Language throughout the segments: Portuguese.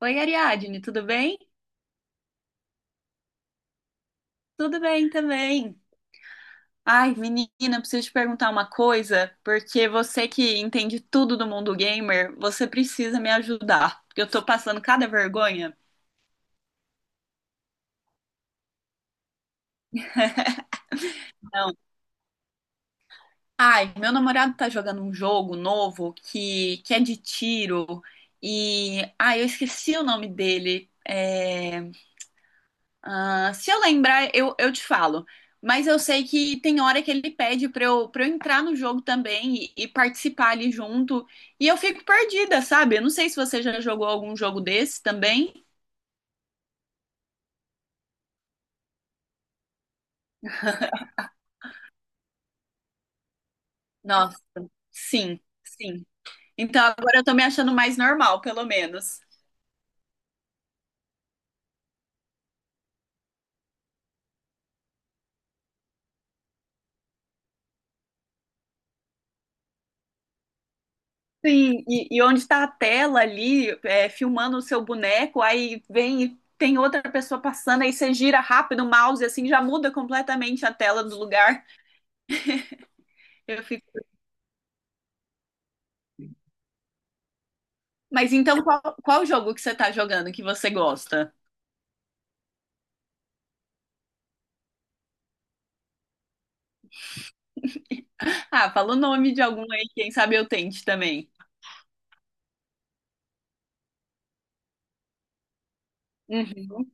Oi, Ariadne, tudo bem? Tudo bem também. Ai, menina, preciso te perguntar uma coisa, porque você que entende tudo do mundo gamer, você precisa me ajudar, porque eu tô passando cada vergonha. Não. Ai, meu namorado tá jogando um jogo novo que é de tiro e, ai, eu esqueci o nome dele. Ah, se eu lembrar, eu te falo. Mas eu sei que tem hora que ele pede pra eu entrar no jogo também e participar ali junto. E eu fico perdida, sabe? Eu não sei se você já jogou algum jogo desse também. Nossa, sim, sim. Então agora eu tô me achando mais normal, pelo menos. Sim, e onde está a tela ali, é, filmando o seu boneco, aí vem e tem outra pessoa passando, aí você gira rápido o mouse, assim, já muda completamente a tela do lugar. Eu. Mas então, qual jogo que você tá jogando que você gosta? Ah, fala o nome de algum aí, quem sabe eu tente também. Uhum.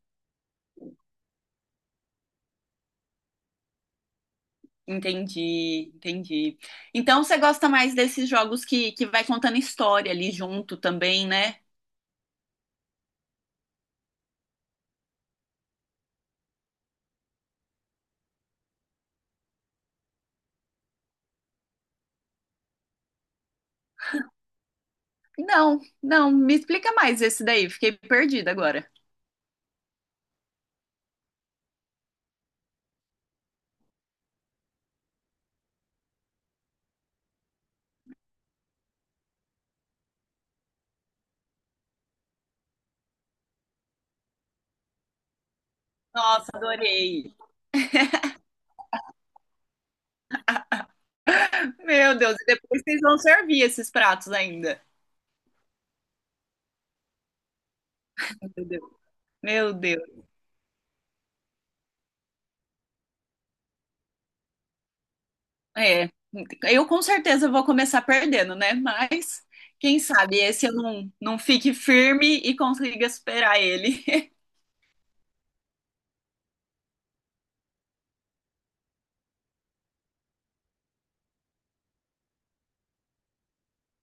Entendi, entendi. Então você gosta mais desses jogos que vai contando história ali junto também, né? Não, não, me explica mais esse daí, fiquei perdida agora. Nossa, adorei. Meu Deus, e depois vocês vão servir esses pratos ainda. Meu Deus. Meu Deus. É, eu com certeza vou começar perdendo, né? Mas quem sabe esse eu não fique firme e consiga superar ele.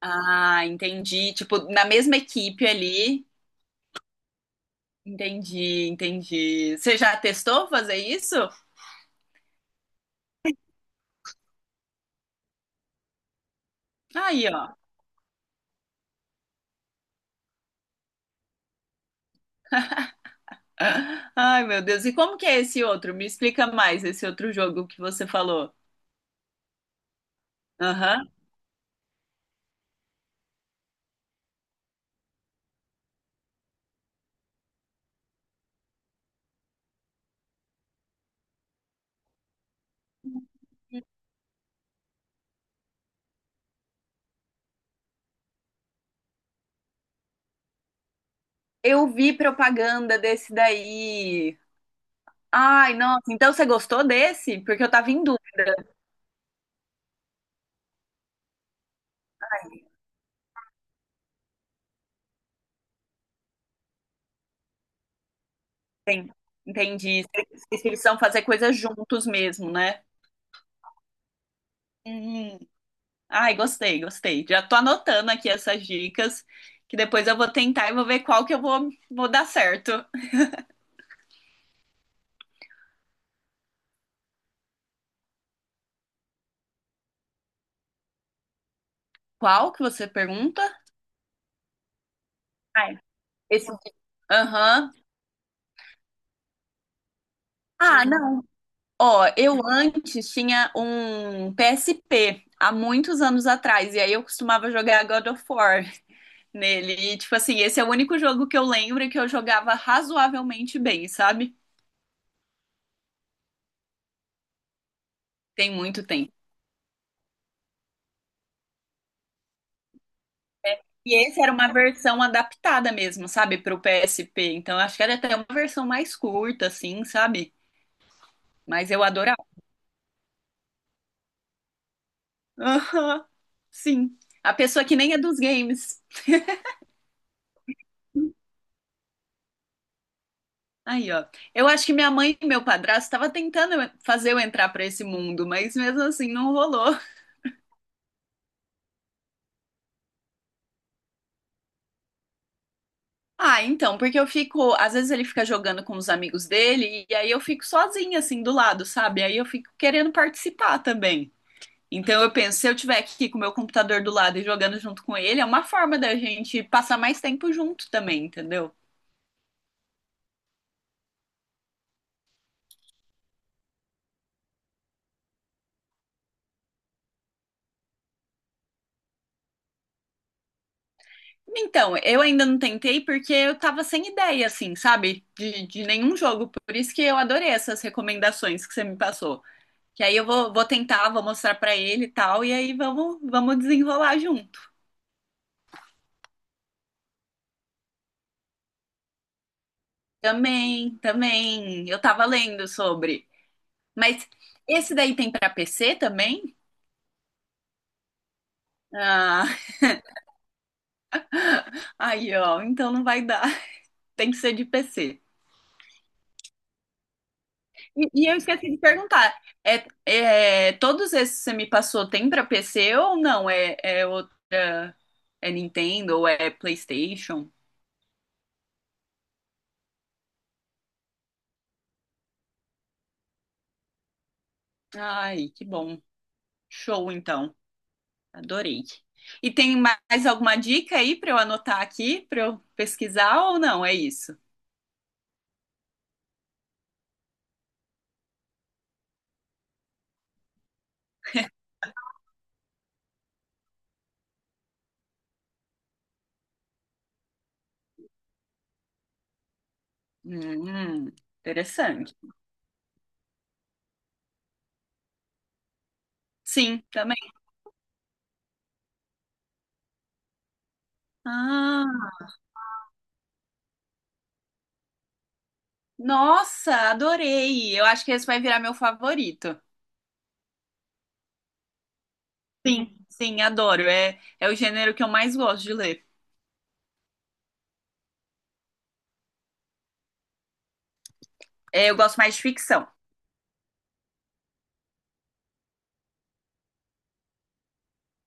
Ah, entendi. Tipo, na mesma equipe ali. Entendi, entendi. Você já testou fazer isso? Aí, ó. Ai, meu Deus. E como que é esse outro? Me explica mais esse outro jogo que você falou. Aham. Eu vi propaganda desse daí. Ai, nossa. Então você gostou desse? Porque eu tava em. Sim, entendi. Vocês precisam fazer coisas juntos mesmo, né? Hum. Ai, gostei, gostei. Já tô anotando aqui essas dicas, que depois eu vou tentar e vou ver qual que eu vou dar certo. Qual que você pergunta? Ai, esse. Aham. Ah, não. Ó, eu antes tinha um PSP há muitos anos atrás, e aí eu costumava jogar God of War nele. E, tipo assim, esse é o único jogo que eu lembro que eu jogava razoavelmente bem, sabe? Tem muito tempo. E esse era uma versão adaptada mesmo, sabe, pro PSP. Então eu acho que era até uma versão mais curta, assim, sabe? Mas eu adorava. Aham, sim. A pessoa que nem é dos games. Aí, ó. Eu acho que minha mãe e meu padrasto estavam tentando fazer eu entrar pra esse mundo, mas mesmo assim não rolou. Ah, então, porque eu fico. Às vezes ele fica jogando com os amigos dele e aí eu fico sozinha, assim, do lado, sabe? Aí eu fico querendo participar também. Então eu penso, se eu tiver aqui com o meu computador do lado e jogando junto com ele, é uma forma da gente passar mais tempo junto também, entendeu? Então, eu ainda não tentei porque eu tava sem ideia, assim, sabe? De nenhum jogo. Por isso que eu adorei essas recomendações que você me passou. Que aí eu vou tentar, vou mostrar pra ele e tal, e aí vamos desenrolar junto. Também, também. Eu tava lendo sobre. Mas esse daí tem pra PC também? Ah, aí ó, então não vai dar. Tem que ser de PC. E eu esqueci de perguntar, é, é, todos esses que você me passou tem pra PC ou não? É, é outra, é Nintendo ou é PlayStation? Ai, que bom. Show, então. Adorei. E tem mais alguma dica aí pra eu anotar aqui, pra eu pesquisar ou não? É isso. Hum, interessante. Sim, também. Ah, nossa, adorei. Eu acho que esse vai virar meu favorito. Sim, sim, adoro. É, é o gênero que eu mais gosto de ler. É, eu gosto mais de ficção.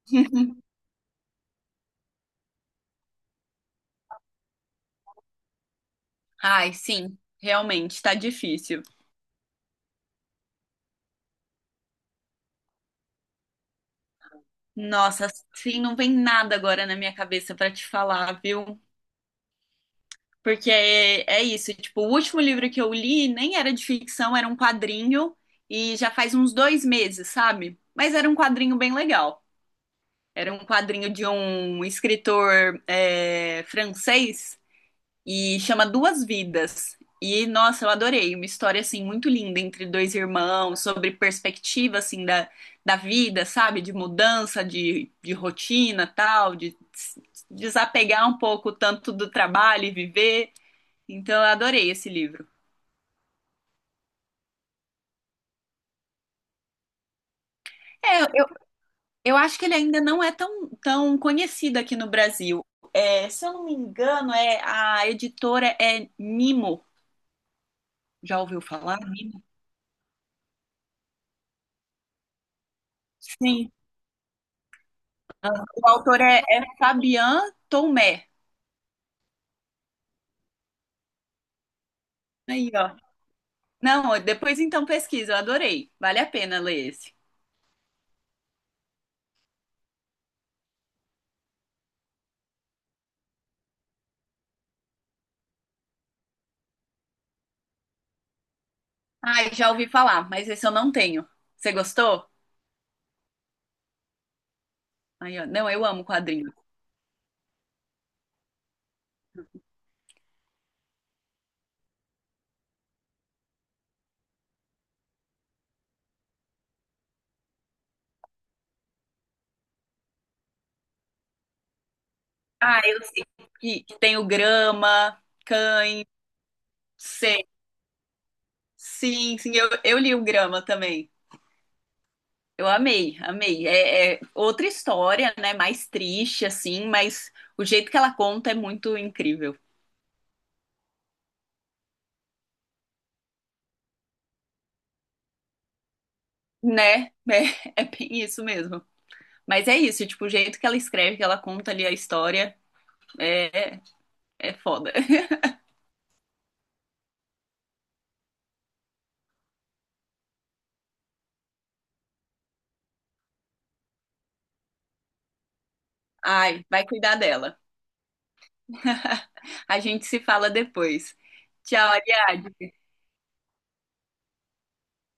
Ai, sim, realmente, tá difícil. Nossa, sim, não vem nada agora na minha cabeça pra te falar, viu? Porque é, é isso, tipo, o último livro que eu li nem era de ficção, era um quadrinho e já faz uns dois meses, sabe? Mas era um quadrinho bem legal. Era um quadrinho de um escritor é, francês e chama Duas Vidas. E nossa, eu adorei, uma história assim muito linda entre dois irmãos, sobre perspectiva assim da, da vida, sabe, de mudança de rotina, tal, desapegar um pouco tanto do trabalho e viver. Então eu adorei esse livro. É, eu, eu acho que ele ainda não é tão, tão conhecido aqui no Brasil. É, se eu não me engano, é a editora é Nimo. Já ouviu falar? Sim. O autor é, é Fabian Tomé. Aí, ó. Não, ó, depois então pesquisa, eu adorei. Vale a pena ler esse. Ai, já ouvi falar, mas esse eu não tenho. Você gostou? Aí, ó. Não, eu amo quadrinho. Ah, eu sei que tem o Grama, Cães, sei. Sim, sim, eu li o Grama também. Eu amei, amei. É, é outra história, né? Mais triste, assim, mas o jeito que ela conta é muito incrível, né? É, é bem isso mesmo. Mas é isso, tipo, o jeito que ela escreve, que ela conta ali a história, é foda. Ai, vai cuidar dela. A gente se fala depois. Tchau, Ariadne.